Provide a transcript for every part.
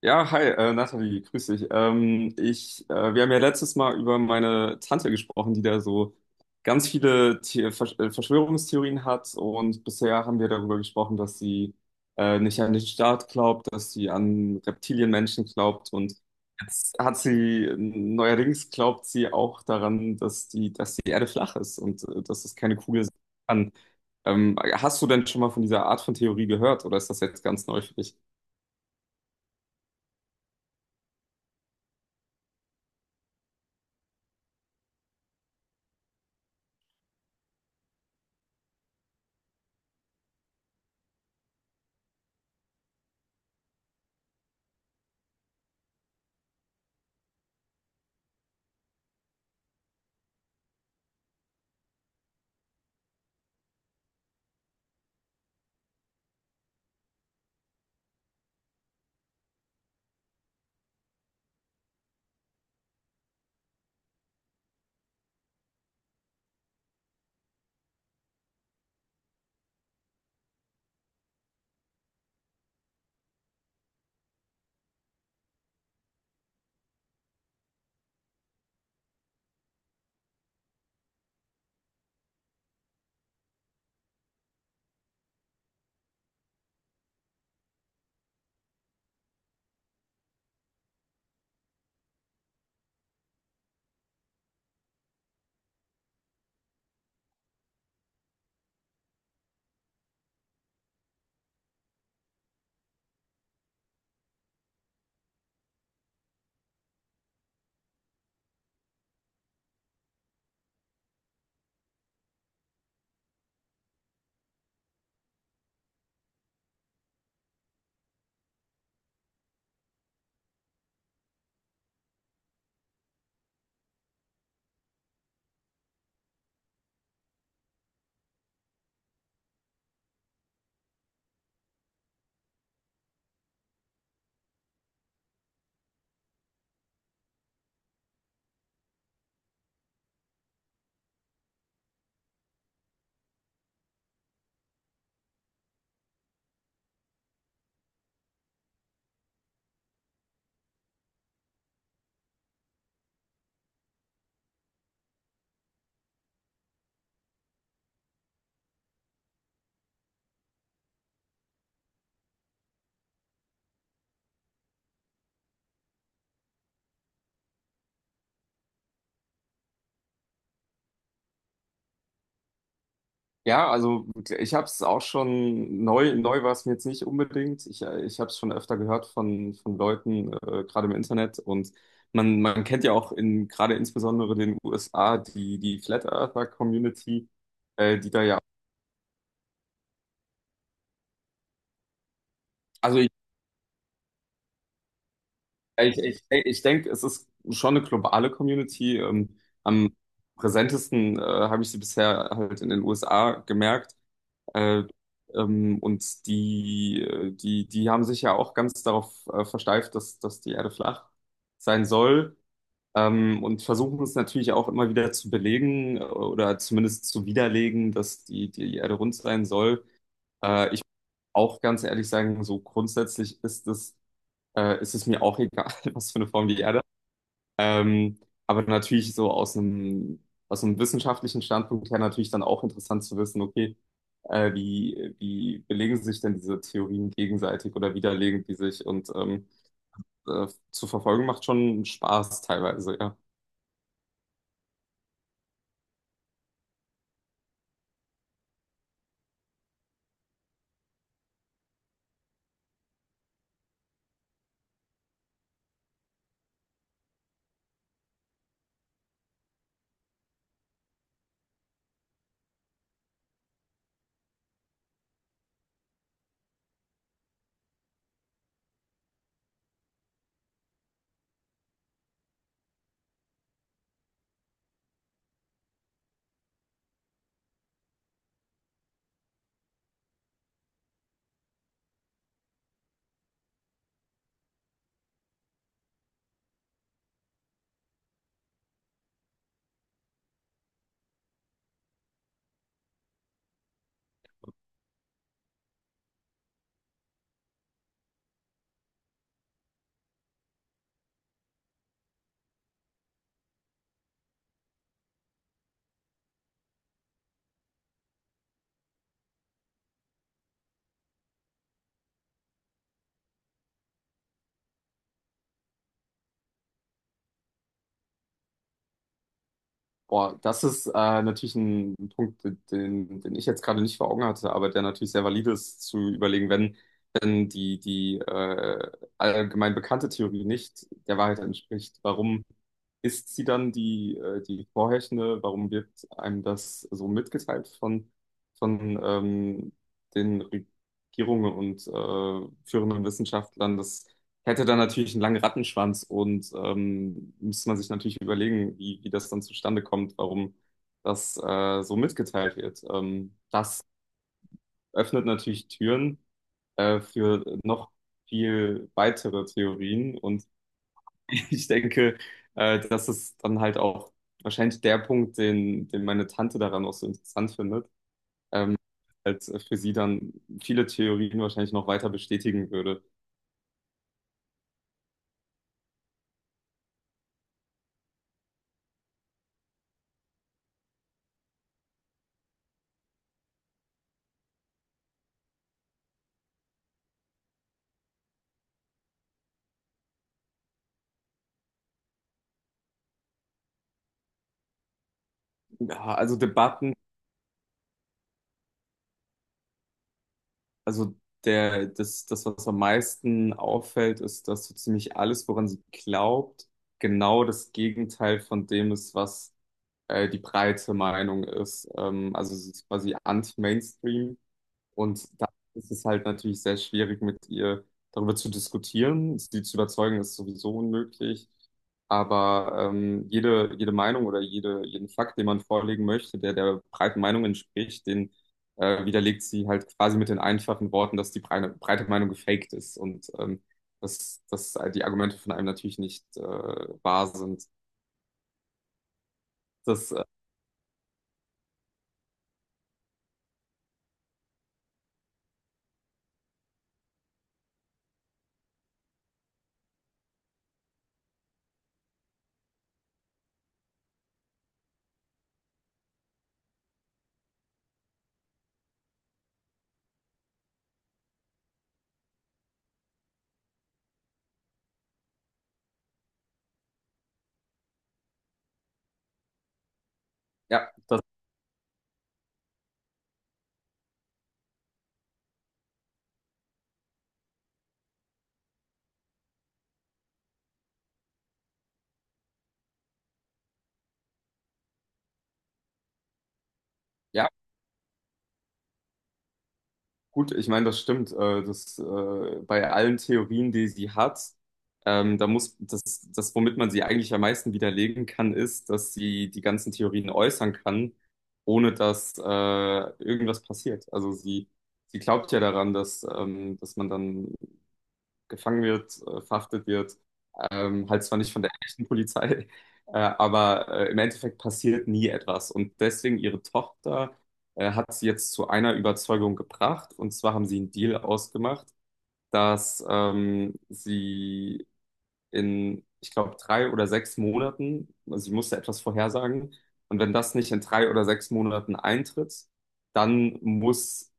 Ja, hi, Nathalie, grüß dich. Wir haben ja letztes Mal über meine Tante gesprochen, die da so ganz viele The Versch Verschwörungstheorien hat, und bisher haben wir darüber gesprochen, dass sie nicht an den Staat glaubt, dass sie an Reptilienmenschen glaubt, und jetzt hat sie, neuerdings glaubt sie auch daran, dass die Erde flach ist und dass es keine Kugel sein kann. Hast du denn schon mal von dieser Art von Theorie gehört, oder ist das jetzt ganz neu für dich? Ja, also ich habe es auch schon neu, war es mir jetzt nicht unbedingt. Ich habe es schon öfter gehört von Leuten, gerade im Internet. Und man kennt ja auch in gerade insbesondere den USA die Flat Earther Community, die da ja. Also ich denke, es ist schon eine globale Community. Am präsentesten habe ich sie bisher halt in den USA gemerkt. Äh, und die haben sich ja auch ganz darauf versteift, dass die Erde flach sein soll. Und versuchen es natürlich auch immer wieder zu belegen oder zumindest zu widerlegen, dass die Erde rund sein soll. Ich auch ganz ehrlich sagen, so grundsätzlich ist es mir auch egal, was für eine Form die Erde hat. Ähm, aber natürlich so aus aus einem wissenschaftlichen Standpunkt her natürlich dann auch interessant zu wissen, okay, wie belegen sich denn diese Theorien gegenseitig oder widerlegen die sich? Und zu verfolgen macht schon Spaß teilweise, ja. Boah, das ist natürlich ein Punkt, den ich jetzt gerade nicht vor Augen hatte, aber der natürlich sehr valide ist, zu überlegen, wenn die allgemein bekannte Theorie nicht der Wahrheit entspricht, warum ist sie dann die vorherrschende? Warum wird einem das so mitgeteilt von den Regierungen und führenden Wissenschaftlern, dass hätte dann natürlich einen langen Rattenschwanz und müsste man sich natürlich überlegen, wie das dann zustande kommt, warum das so mitgeteilt wird. Das öffnet natürlich Türen für noch viel weitere Theorien, und ich denke, das ist dann halt auch wahrscheinlich der Punkt, den meine Tante daran auch so interessant findet, als für sie dann viele Theorien wahrscheinlich noch weiter bestätigen würde. Ja, also Debatten. Also was am meisten auffällt, ist, dass so ziemlich alles, woran sie glaubt, genau das Gegenteil von dem ist, was die breite Meinung ist. Also es ist quasi anti-Mainstream. Und da ist es halt natürlich sehr schwierig, mit ihr darüber zu diskutieren. Sie zu überzeugen, ist sowieso unmöglich. Aber jede Meinung oder jeden Fakt, den man vorlegen möchte, der der breiten Meinung entspricht, den widerlegt sie halt quasi mit den einfachen Worten, dass die breite Meinung gefaked ist, und dass die Argumente von einem natürlich nicht wahr sind. Das, äh, ja, das. Ja, gut, ich meine, das stimmt. Bei allen Theorien, die sie hat, da muss das, womit man sie eigentlich am meisten widerlegen kann, ist, dass sie die ganzen Theorien äußern kann, ohne dass irgendwas passiert. Also sie glaubt ja daran, dass, dass man dann gefangen wird, verhaftet wird. Halt zwar nicht von der echten Polizei, aber im Endeffekt passiert nie etwas. Und deswegen ihre Tochter hat sie jetzt zu einer Überzeugung gebracht. Und zwar haben sie einen Deal ausgemacht, dass sie in, ich glaube, drei oder sechs Monaten. Also ich musste etwas vorhersagen. Und wenn das nicht in drei oder sechs Monaten eintritt, dann muss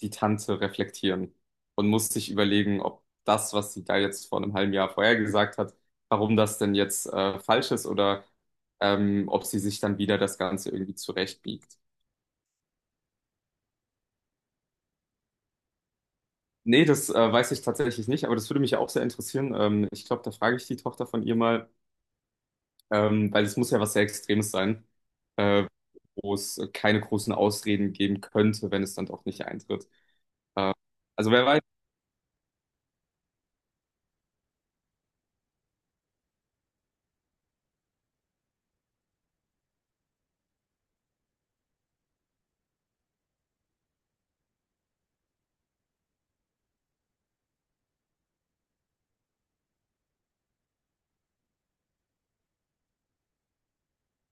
die Tante reflektieren und muss sich überlegen, ob das, was sie da jetzt vor einem halben Jahr vorhergesagt hat, warum das denn jetzt falsch ist oder ob sie sich dann wieder das Ganze irgendwie zurechtbiegt. Nee, das weiß ich tatsächlich nicht, aber das würde mich ja auch sehr interessieren. Ich glaube, da frage ich die Tochter von ihr mal, weil es muss ja was sehr Extremes sein, äh, wo es keine großen Ausreden geben könnte, wenn es dann doch nicht eintritt. Äh, also wer weiß,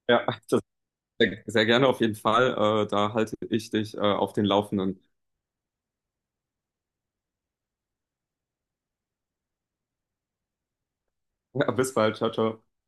ja, das sehr, sehr gerne auf jeden Fall. Da halte ich dich auf den Laufenden. Ja, bis bald, ciao, ciao.